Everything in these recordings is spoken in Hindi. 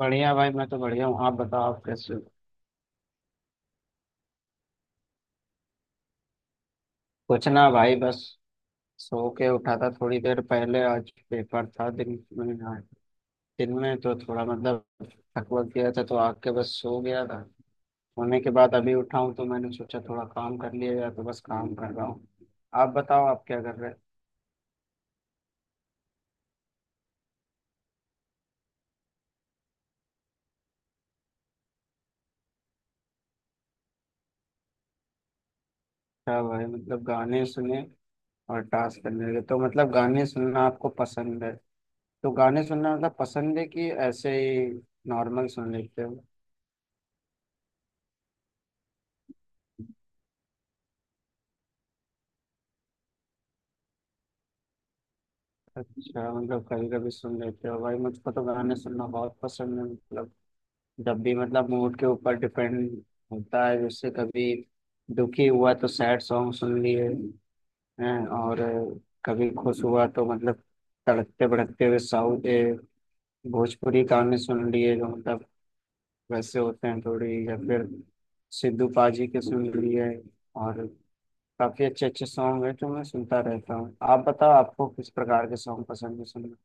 बढ़िया भाई, मैं तो बढ़िया हूँ। आप बताओ, आप कैसे हो? कुछ ना भाई, बस सो के उठा था थोड़ी देर पहले, आज पेपर था दिन में। हाँ, दिन में तो थोड़ा मतलब थक वक गया था तो आग के बस सो गया था। सोने के बाद अभी उठा हूँ तो मैंने सोचा थोड़ा काम कर लिया जाए, तो बस काम कर रहा हूँ। आप बताओ आप क्या कर रहे हैं। अच्छा भाई, मतलब गाने सुने और टास्क करने लगे, तो मतलब गाने सुनना आपको पसंद है? तो गाने सुनना मतलब पसंद है कि ऐसे ही नॉर्मल सुन लेते हो? अच्छा, मतलब कभी कभी सुन लेते हो। भाई मुझको तो गाने सुनना बहुत पसंद है, मतलब जब भी मतलब मूड के ऊपर डिपेंड होता है। जैसे कभी दुखी हुआ तो सैड सॉन्ग सुन लिए हैं, और कभी खुश हुआ तो मतलब तड़कते भड़कते हुए साउथ भोजपुरी गाने सुन लिए, जो मतलब वैसे होते हैं थोड़ी, या फिर सिद्धू पाजी के सुन लिए। और काफी अच्छे अच्छे सॉन्ग है जो मैं सुनता रहता हूँ। आप बताओ आपको किस प्रकार के सॉन्ग पसंद है सुनना।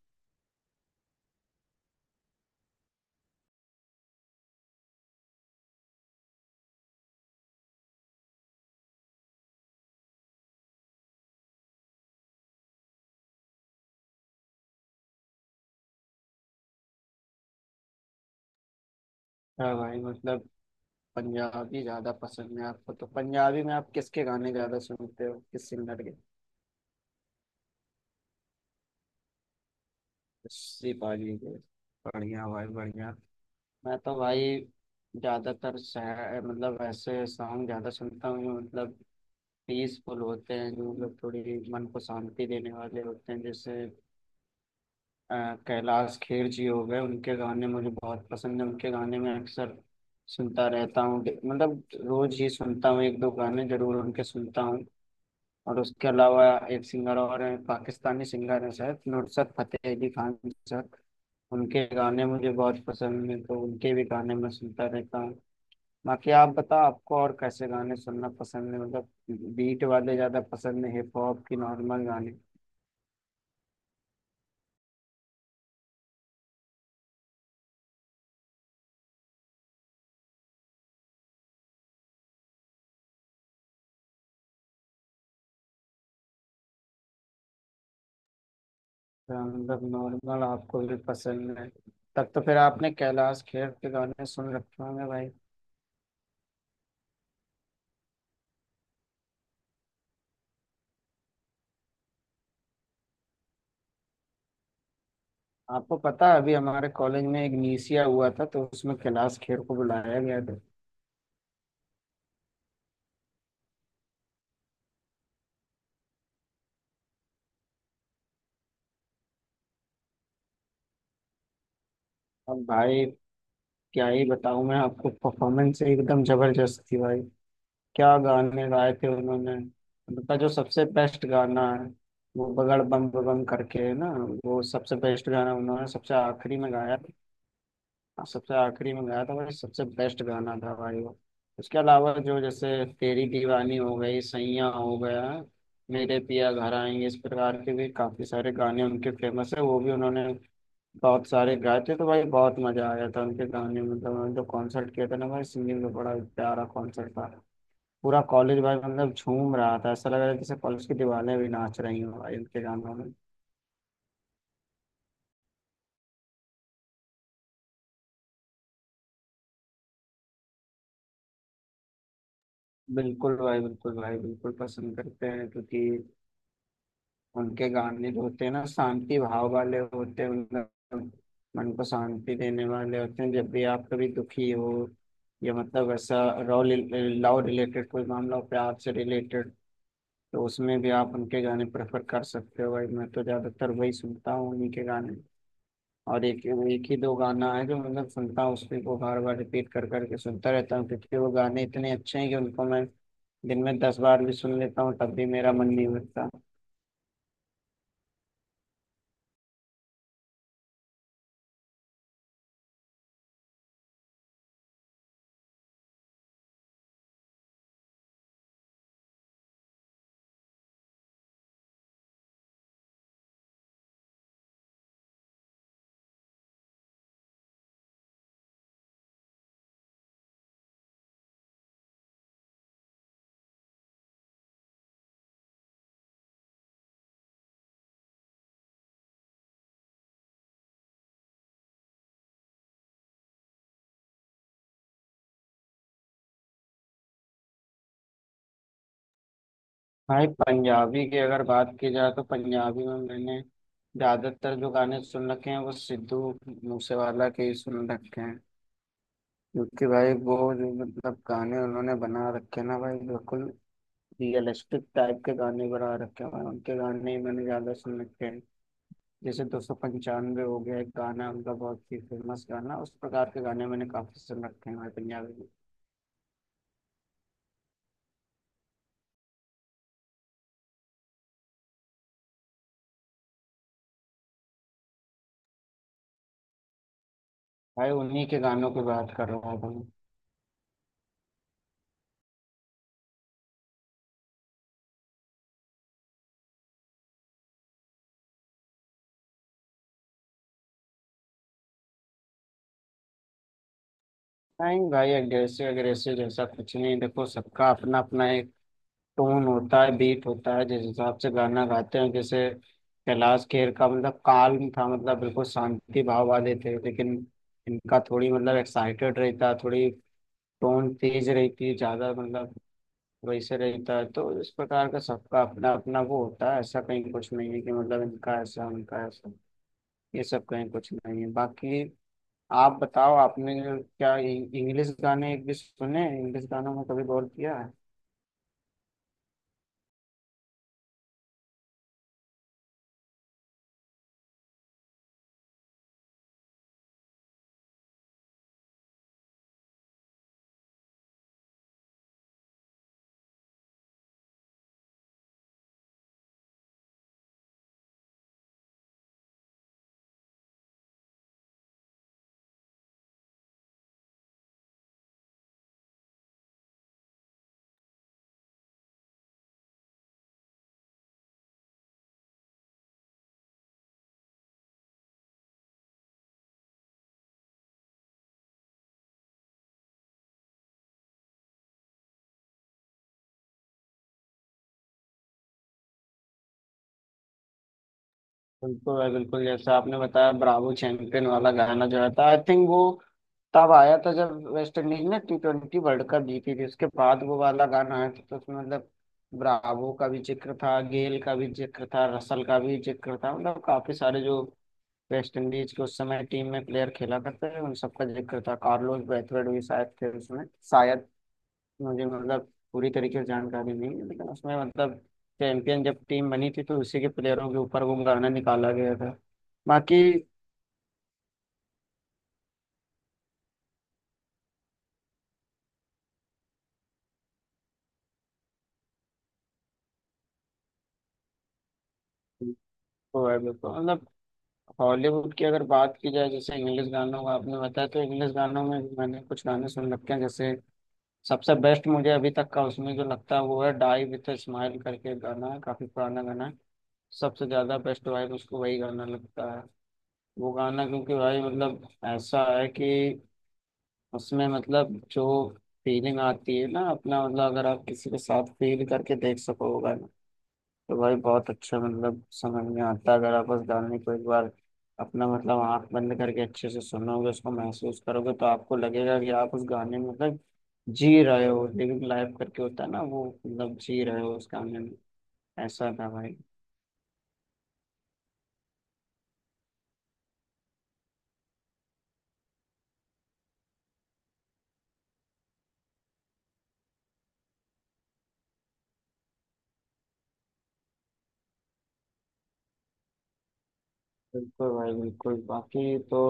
हाँ भाई, मतलब पंजाबी ज्यादा पसंद है आपको। तो पंजाबी में आप किसके गाने ज्यादा सुनते हो, किस सिंगर के? उसी पाजी के? बढ़िया भाई, बढ़िया। मैं तो भाई ज्यादातर मतलब ऐसे सॉन्ग ज्यादा सुनता हूँ जो मतलब पीसफुल होते हैं, जो मतलब थोड़ी मन को शांति देने वाले होते हैं। जैसे अ, कैलाश खेर जी हो गए, उनके गाने मुझे बहुत पसंद है। उनके गाने में अक्सर सुनता रहता हूँ, मतलब रोज ही सुनता हूँ, एक दो गाने जरूर उनके सुनता हूँ। और उसके अलावा एक सिंगर और हैं, पाकिस्तानी सिंगर हैं शायद, नुसरत फतेह अली खान सर। उनके गाने मुझे बहुत पसंद हैं, तो उनके भी गाने मैं सुनता रहता हूँ। बाकी आप बताओ आपको और कैसे गाने सुनना पसंद है, मतलब बीट वाले ज़्यादा पसंद है, हिप हॉप की नॉर्मल गाने? तो मतलब नॉर्मल आपको भी पसंद है। तब तो फिर आपने कैलाश खेर के गाने सुन रखे होंगे भाई। आपको पता है अभी हमारे कॉलेज में एक नीसिया हुआ था, तो उसमें कैलाश खेर को बुलाया गया था। अब भाई क्या ही बताऊं मैं आपको, परफॉर्मेंस एकदम जबरदस्त थी भाई। क्या गाने गाए थे उन्होंने। उनका जो सबसे बेस्ट गाना है, वो बगड़ बम बम करके है ना, वो सबसे बेस्ट गाना उन्होंने सबसे आखिरी में गाया था। हाँ, सबसे आखिरी में गाया था भाई, सबसे बेस्ट गाना था भाई वो। उसके अलावा जो, जैसे तेरी दीवानी हो गई, सैयां हो गया, मेरे पिया घर आएंगे, इस प्रकार के भी काफी सारे गाने उनके फेमस है, वो भी उन्होंने बहुत सारे गाए थे। तो भाई बहुत मजा आया था उनके गाने में। मतलब उन्होंने जो कॉन्सर्ट किया था ना भाई, सिंगिंग में बड़ा प्यारा कॉन्सर्ट था। पूरा कॉलेज भाई मतलब झूम रहा था, ऐसा लग रहा था जैसे कॉलेज की दीवारें भी नाच रही हों भाई उनके गानों में। बिल्कुल भाई, बिल्कुल भाई, बिल्कुल पसंद करते हैं, क्योंकि उनके गाने जो होते हैं ना शांति भाव वाले होते हैं, मतलब मन को शांति देने वाले होते हैं। जब भी आप कभी दुखी हो, या मतलब ऐसा रॉ लव रिलेटेड कोई मामला हो, प्यार से रिलेटेड, तो उसमें भी आप उनके गाने प्रेफर कर सकते हो। भाई मैं तो ज़्यादातर वही सुनता हूँ, उन्हीं के गाने। और एक एक ही दो गाना है जो मतलब सुनता हूँ, उसको को बार बार रिपीट कर करके सुनता रहता हूँ, क्योंकि वो गाने इतने अच्छे हैं कि उनको मैं दिन में 10 बार भी सुन लेता हूँ, तब भी मेरा मन नहीं भरता। भाई पंजाबी की अगर बात की जाए तो पंजाबी में मैंने ज़्यादातर जो गाने सुन रखे हैं वो सिद्धू मूसेवाला के ही सुन रखे हैं, क्योंकि भाई वो जो मतलब गाने उन्होंने बना रखे हैं ना भाई, बिल्कुल रियलिस्टिक टाइप के गाने बना रखे हैं। उनके गाने ही मैंने ज़्यादा सुन रखे हैं। जैसे 295 हो गया, एक गाना है उनका बहुत ही फेमस गाना, उस प्रकार के गाने मैंने काफ़ी सुन रखे हैं भाई पंजाबी में। भाई उन्हीं के गानों की बात कर रहा हूँ। नहीं भाई, अग्रेसिव अग्रेसिव जैसा कुछ नहीं, देखो सबका अपना अपना एक टोन होता है, बीट होता है जिस हिसाब से गाना गाते हैं। जैसे कैलाश खेर का मतलब काल्म था, मतलब बिल्कुल शांति भाव वाले थे, लेकिन इनका थोड़ी मतलब एक्साइटेड रहता थोड़ी, टोन तेज रहती है ज्यादा, मतलब वैसे रहता है। तो इस प्रकार का सबका अपना अपना वो होता है, ऐसा कहीं कुछ नहीं है कि मतलब इनका ऐसा उनका ऐसा, ये सब कहीं कुछ नहीं है। बाकी आप बताओ आपने क्या इंग्लिश गाने एक भी सुने, इंग्लिश गानों में कभी गौर किया है? बिल्कुल है, बिल्कुल, जैसा आपने बताया ब्रावो चैंपियन वाला गाना जो है था, आई थिंक वो तब आया था जब वेस्ट इंडीज ने T20 वर्ल्ड कप जीती थी, उसके बाद वो वाला गाना आया था। तो उसमें मतलब ब्रावो का भी जिक्र था, गेल का भी जिक्र था, रसल का भी जिक्र था, मतलब काफी सारे जो वेस्ट इंडीज के उस समय टीम में प्लेयर खेला करते थे उन सबका जिक्र था। कार्लोस ब्रैथवेट भी शायद थे उसमें, शायद। मुझे मतलब पूरी तरीके से जानकारी नहीं है, लेकिन उसमें मतलब चैंपियन जब टीम बनी थी तो उसी के प्लेयरों के ऊपर वो गाना निकाला गया था। बाकी तो है बिल्कुल। मतलब हॉलीवुड की अगर बात की जाए, जैसे इंग्लिश गानों का आपने बताया, तो इंग्लिश गानों में भी मैंने कुछ गाने सुन रखे हैं। जैसे सबसे बेस्ट मुझे अभी तक का उसमें जो लगता है वो है डाई विथ स्माइल करके एक गाना है, काफी पुराना गाना है। सबसे ज्यादा बेस्ट वाइब उसको वही गाना लगता है, वो गाना, क्योंकि भाई मतलब ऐसा है कि उसमें मतलब जो फीलिंग आती है ना, अपना मतलब अगर आप किसी के साथ फील करके देख सको, तो भाई बहुत अच्छा मतलब समझ में आता है। अगर आप बस गाने को एक बार अपना मतलब आंख बंद करके अच्छे से सुनोगे, उसको महसूस करोगे, तो आपको लगेगा कि आप उस गाने में मतलब जी रहे हो, लिविंग लाइफ करके होता है ना वो, मतलब जी रहे हो उस गाने में। ऐसा था भाई। बिल्कुल भाई, बिल्कुल, बाकी तो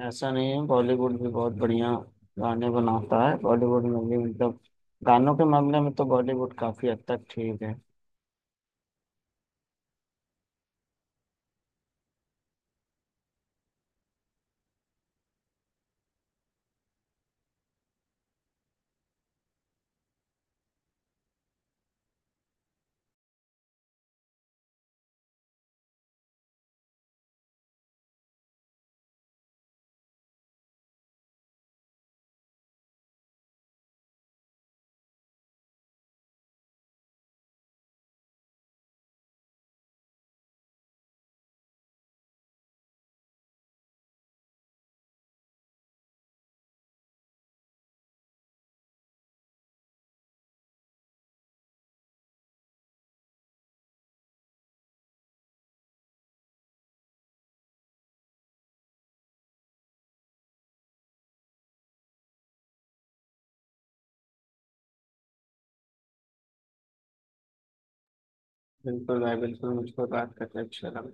ऐसा नहीं है, बॉलीवुड भी बहुत बढ़िया गाने बनाता है। बॉलीवुड में भी मतलब गानों के मामले में तो बॉलीवुड काफी हद तक ठीक है। बिल्कुल भाई, बिल्कुल, मुझको बात करके अच्छा लगा।